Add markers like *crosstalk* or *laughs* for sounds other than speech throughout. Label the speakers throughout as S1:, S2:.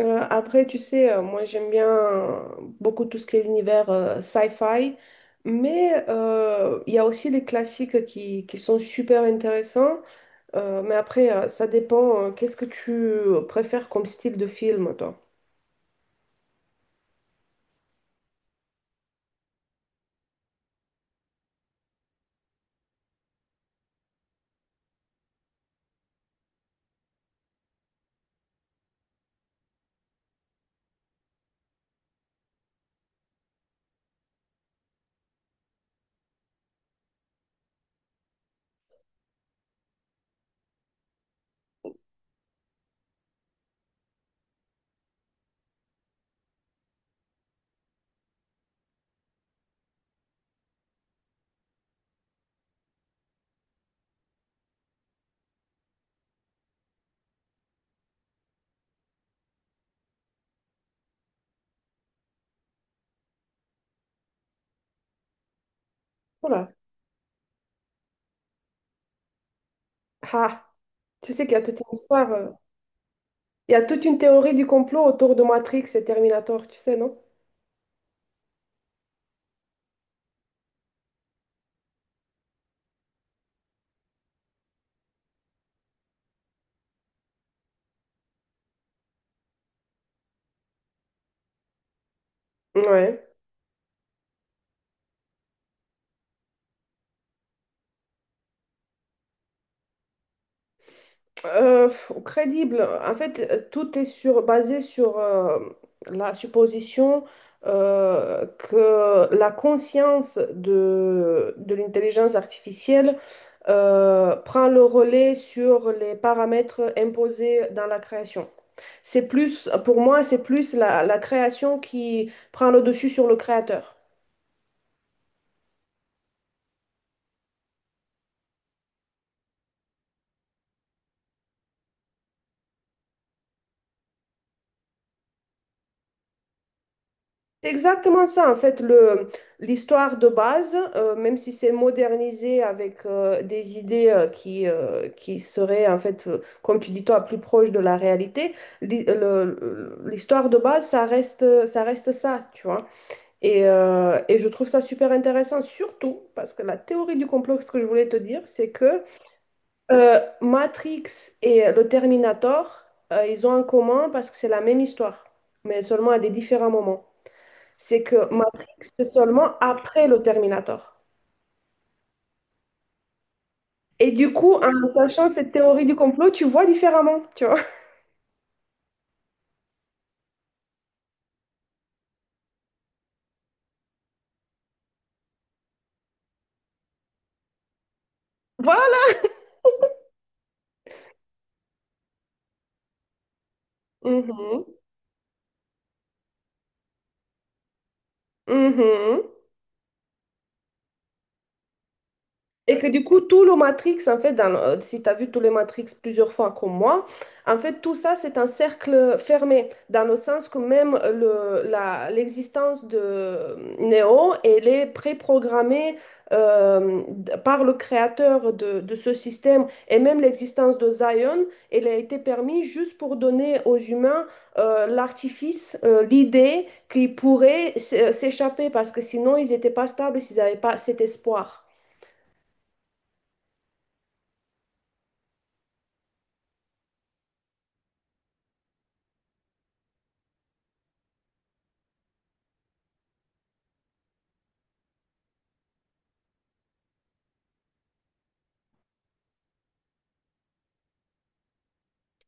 S1: Après, tu sais, moi j'aime bien, beaucoup, tout ce qui est l'univers sci-fi, mais il y a aussi les classiques qui sont super intéressants. Mais après, ça dépend. Qu'est-ce que tu préfères comme style de film, toi? Voilà. Ah, tu sais qu'il y a toute une histoire. Il y a toute une théorie du complot autour de Matrix et Terminator, tu sais, non? Ouais. Euh, Crédible. En fait, tout est basé sur, la supposition, que la conscience de l'intelligence artificielle prend le relais sur les paramètres imposés dans la création. C'est plus, pour moi, c'est plus la création qui prend le dessus sur le créateur. C'est exactement ça, en fait, l'histoire de base. Même si c'est modernisé avec des idées qui seraient, en fait, comme tu dis toi, plus proches de la réalité, l'histoire de base, ça reste, ça, tu vois. Et je trouve ça super intéressant, surtout parce que la théorie du complot, ce que je voulais te dire, c'est que, Matrix et le Terminator, ils ont en commun parce que c'est la même histoire, mais seulement à des différents moments. C'est que Matrix, c'est seulement après le Terminator. Et du coup, en sachant cette théorie du complot, tu vois différemment, tu vois. *laughs* Voilà. Mhm. Mhm. Et que du coup, tout le Matrix, en fait, si tu as vu tous les Matrix plusieurs fois comme moi, en fait, tout ça, c'est un cercle fermé, dans le sens que même l'existence de, Neo, elle est préprogrammée, par le créateur de ce système. Et même l'existence de Zion, elle a été permise juste pour donner aux humains, l'artifice, l'idée qu'ils pourraient, s'échapper, parce que sinon, ils n'étaient pas stables s'ils n'avaient pas cet espoir.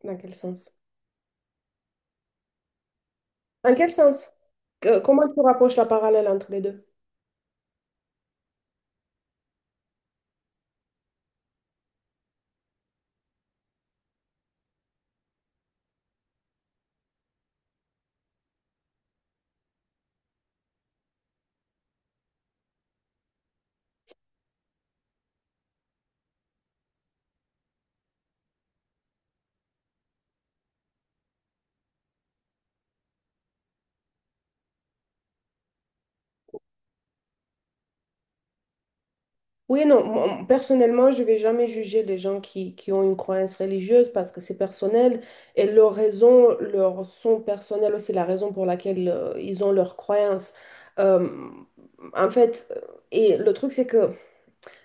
S1: Dans quel sens? Dans quel sens? Comment tu rapproches la parallèle entre les deux? Oui et non. Moi, personnellement, je vais jamais juger les gens qui ont une croyance religieuse, parce que c'est personnel, et leurs raisons leur sont personnelles aussi, la raison pour laquelle ils ont leur croyance. Euh, En fait, et le truc, c'est que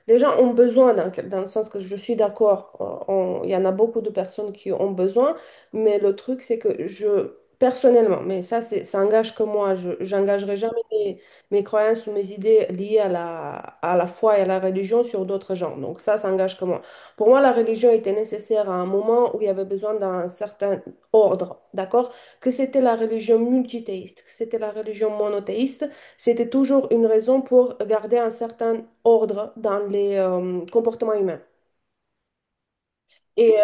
S1: les gens ont besoin, dans le sens que je suis d'accord, il y en a beaucoup de personnes qui ont besoin. Mais le truc, c'est que je, personnellement, mais ça, c'est, ça engage que moi. J'engagerai jamais mes croyances ou mes idées liées à la foi et à la religion sur d'autres gens. Donc ça engage que moi. Pour moi, la religion était nécessaire à un moment où il y avait besoin d'un certain ordre, d'accord? Que c'était la religion multithéiste, que c'était la religion monothéiste, c'était toujours une raison pour garder un certain ordre dans les, comportements humains. Et euh,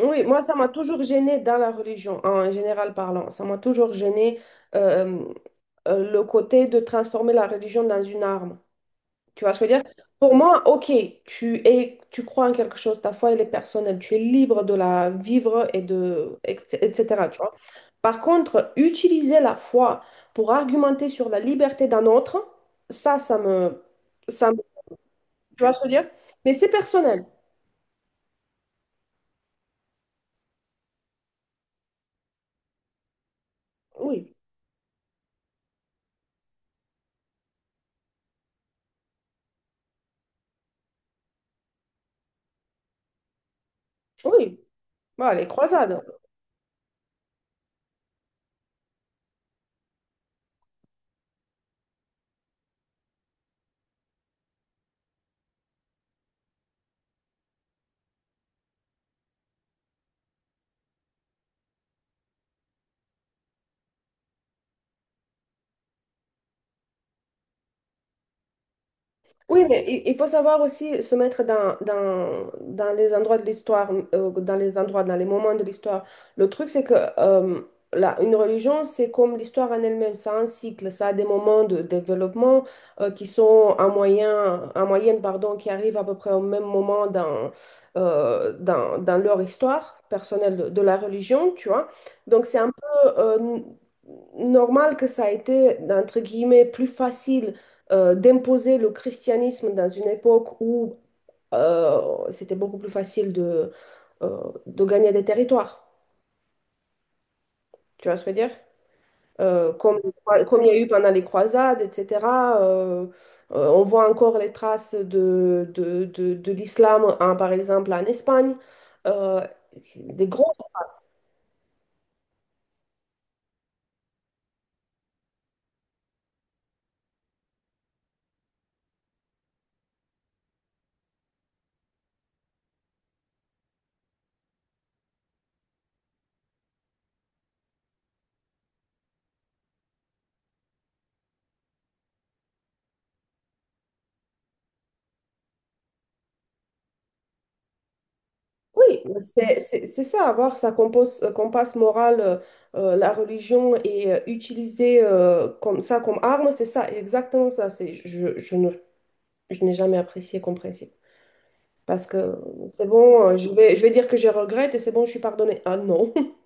S1: oui, moi, ça m'a toujours gênée dans la religion, en général parlant. Ça m'a toujours gênée, euh, le côté de transformer la religion dans une arme. Tu vois ce que je veux dire? Pour moi, ok, tu es, tu crois en quelque chose, ta foi, elle est personnelle, tu es libre de la vivre et de, etc. Par contre, utiliser la foi pour argumenter sur la liberté d'un autre, ça, ça me, ça me- tu vois ce que je veux dire? Mais c'est personnel. Oui, oui. Voilà, les croisades. Oui, mais il faut savoir aussi se mettre dans, les endroits de l'histoire, dans les endroits, dans les moments de l'histoire. Le truc, c'est que, une religion, c'est comme l'histoire en elle-même, ça a un cycle, ça a des moments de développement qui sont en moyen, en moyenne, pardon, qui arrivent à peu près au même moment dans leur histoire personnelle de la religion, tu vois. Donc, c'est un peu, normal que ça a été, entre guillemets, plus facile d'imposer le christianisme dans une époque où c'était beaucoup plus facile de gagner des territoires. Tu vois ce que je veux dire? Euh, comme, Comme il y a eu pendant les croisades, etc. euh, on voit encore les traces de l'islam, par exemple, en Espagne. Euh, des gros Oui, c'est ça, avoir sa compasse morale, la religion, et utiliser, comme ça, comme arme, c'est ça, exactement ça. C'est, je ne, Je n'ai jamais apprécié comme principe. Parce que, c'est bon, je vais dire que je regrette et c'est bon, je suis pardonnée. Ah non. *laughs*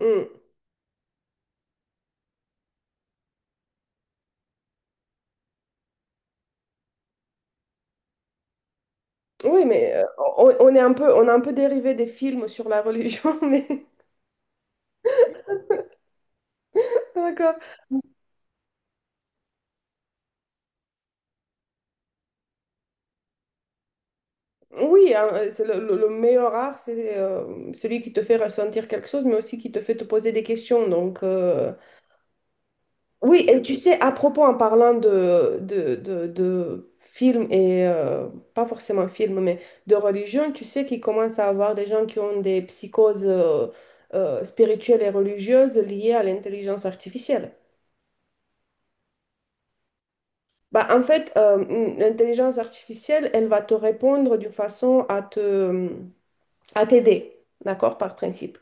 S1: Hmm. Oui, mais, on est un peu, on a un peu dérivé des films sur la religion, *laughs* mais d'accord. Oui, hein, c'est le meilleur art, c'est celui qui te fait ressentir quelque chose, mais aussi qui te fait te poser des questions. Donc. Oui, et tu sais, à propos, en parlant de films, et pas forcément films, mais de religion, tu sais qu'il commence à avoir des gens qui ont des psychoses spirituelles et religieuses liées à l'intelligence artificielle. Bah, en fait, l'intelligence artificielle, elle va te répondre d'une façon à à t'aider, d'accord, par principe.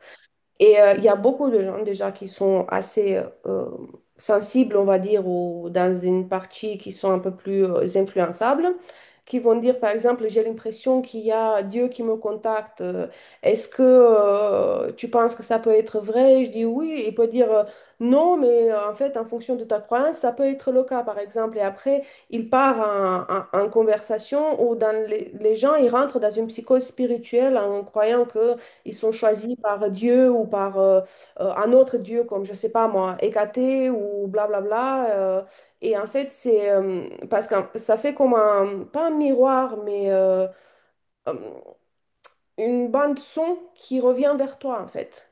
S1: Il y a beaucoup de gens déjà qui sont assez, euh, sensibles, on va dire, ou dans une partie qui sont un peu plus influençables, qui vont dire, par exemple, j'ai l'impression qu'il y a Dieu qui me contacte. Est-ce que, tu penses que ça peut être vrai? Je dis oui. Il peut dire, non, mais, en fait, en fonction de ta croyance, ça peut être le cas, par exemple. Et après, il part en conversation où dans les gens, ils rentrent dans une psychose spirituelle en croyant que ils sont choisis par Dieu, ou par, un autre Dieu, comme, je sais pas moi, Hécaté, ou blablabla. Et en fait, c'est parce que ça fait comme un, pas un miroir, mais, euh, une bande son qui revient vers toi, en fait.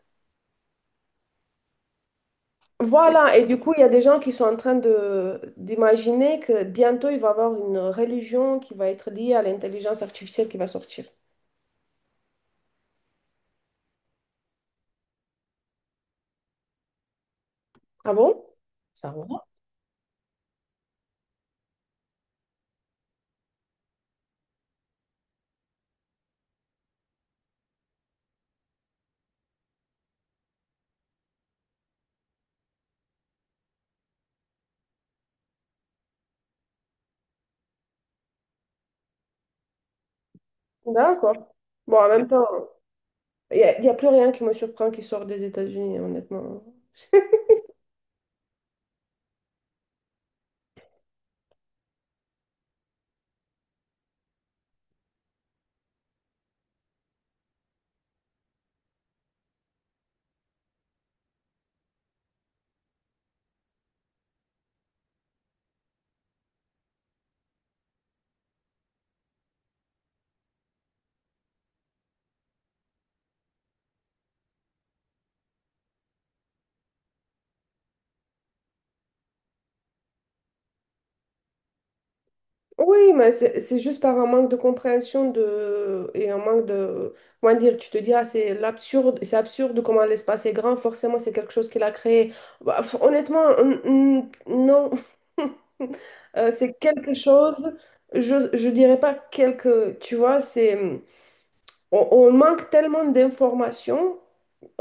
S1: Voilà, et du coup, il y a des gens qui sont en train de d'imaginer que bientôt, il va y avoir une religion qui va être liée à l'intelligence artificielle qui va sortir. Ah bon? Ça va. D'accord. Bon, en même temps. Y a plus rien qui me surprend qui sort des États-Unis, honnêtement. Oui, mais c'est juste par un manque de compréhension et un manque de. Comment dire, tu te dis, ah, c'est l'absurde, c'est absurde comment l'espace est grand, forcément c'est quelque chose qu'il a créé. Bah, honnêtement, non. *laughs* C'est quelque chose, je dirais pas quelque, tu vois, c'est. On manque tellement d'informations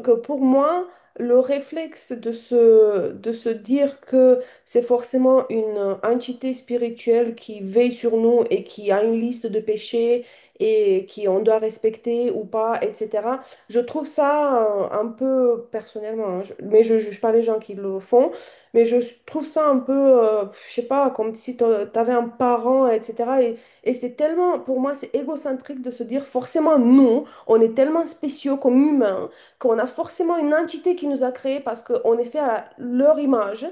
S1: que, pour moi, le réflexe de se dire que c'est forcément une entité spirituelle qui veille sur nous et qui a une liste de péchés et qui on doit respecter ou pas, etc. Je trouve ça, un peu personnellement, hein, mais je juge pas les gens qui le font. Mais je trouve ça un peu, je sais pas, comme si tu avais un parent, etc. Et c'est tellement, pour moi, c'est égocentrique de se dire forcément non. On est tellement spéciaux comme humains qu'on a forcément une entité qui nous a créés parce qu'on est fait à leur image,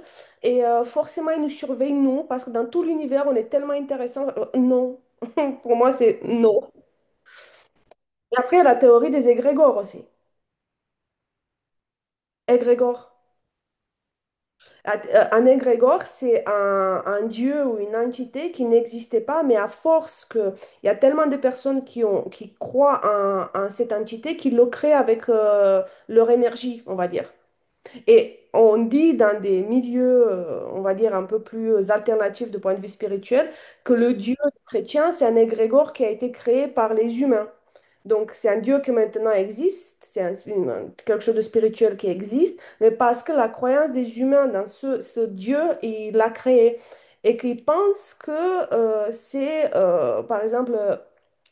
S1: et, forcément ils nous surveillent, nous, parce que dans tout l'univers, on est tellement intéressant. Non, *laughs* pour moi, c'est non. Et après, il y a la théorie des égrégores aussi. Égrégore. Un égrégore, c'est un dieu ou une entité qui n'existait pas, mais à force que il y a tellement de personnes qui croient en cette entité qu'ils le créent avec, leur énergie, on va dire. Et on dit dans des milieux, on va dire, un peu plus alternatifs de point de vue spirituel, que le Dieu chrétien, c'est un égrégore qui a été créé par les humains. Donc, c'est un Dieu qui maintenant existe, c'est, quelque chose de spirituel qui existe, mais parce que la croyance des humains dans ce Dieu, il l'a créé. Et qu'ils pensent que, c'est, par exemple,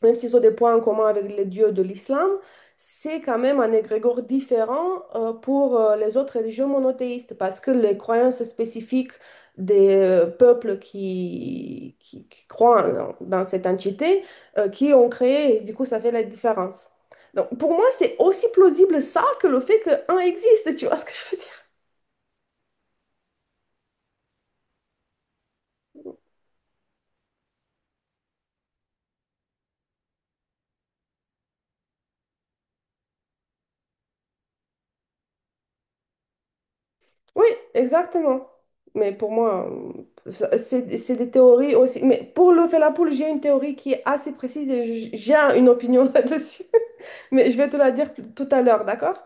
S1: même s'ils ont des points en commun avec les dieux de l'islam, c'est quand même un égrégore différent, pour, les autres religions monothéistes, parce que les croyances spécifiques des, peuples qui croient dans cette entité, qui ont créé, et du coup, ça fait la différence. Donc, pour moi, c'est aussi plausible ça que le fait qu'un existe, *laughs* tu vois ce que je veux dire? Oui, exactement. Mais pour moi, c'est des théories aussi. Mais pour le Fellapoulle, j'ai une théorie qui est assez précise, et j'ai une opinion *laughs* là-dessus. Mais je vais te la dire tout à l'heure, d'accord?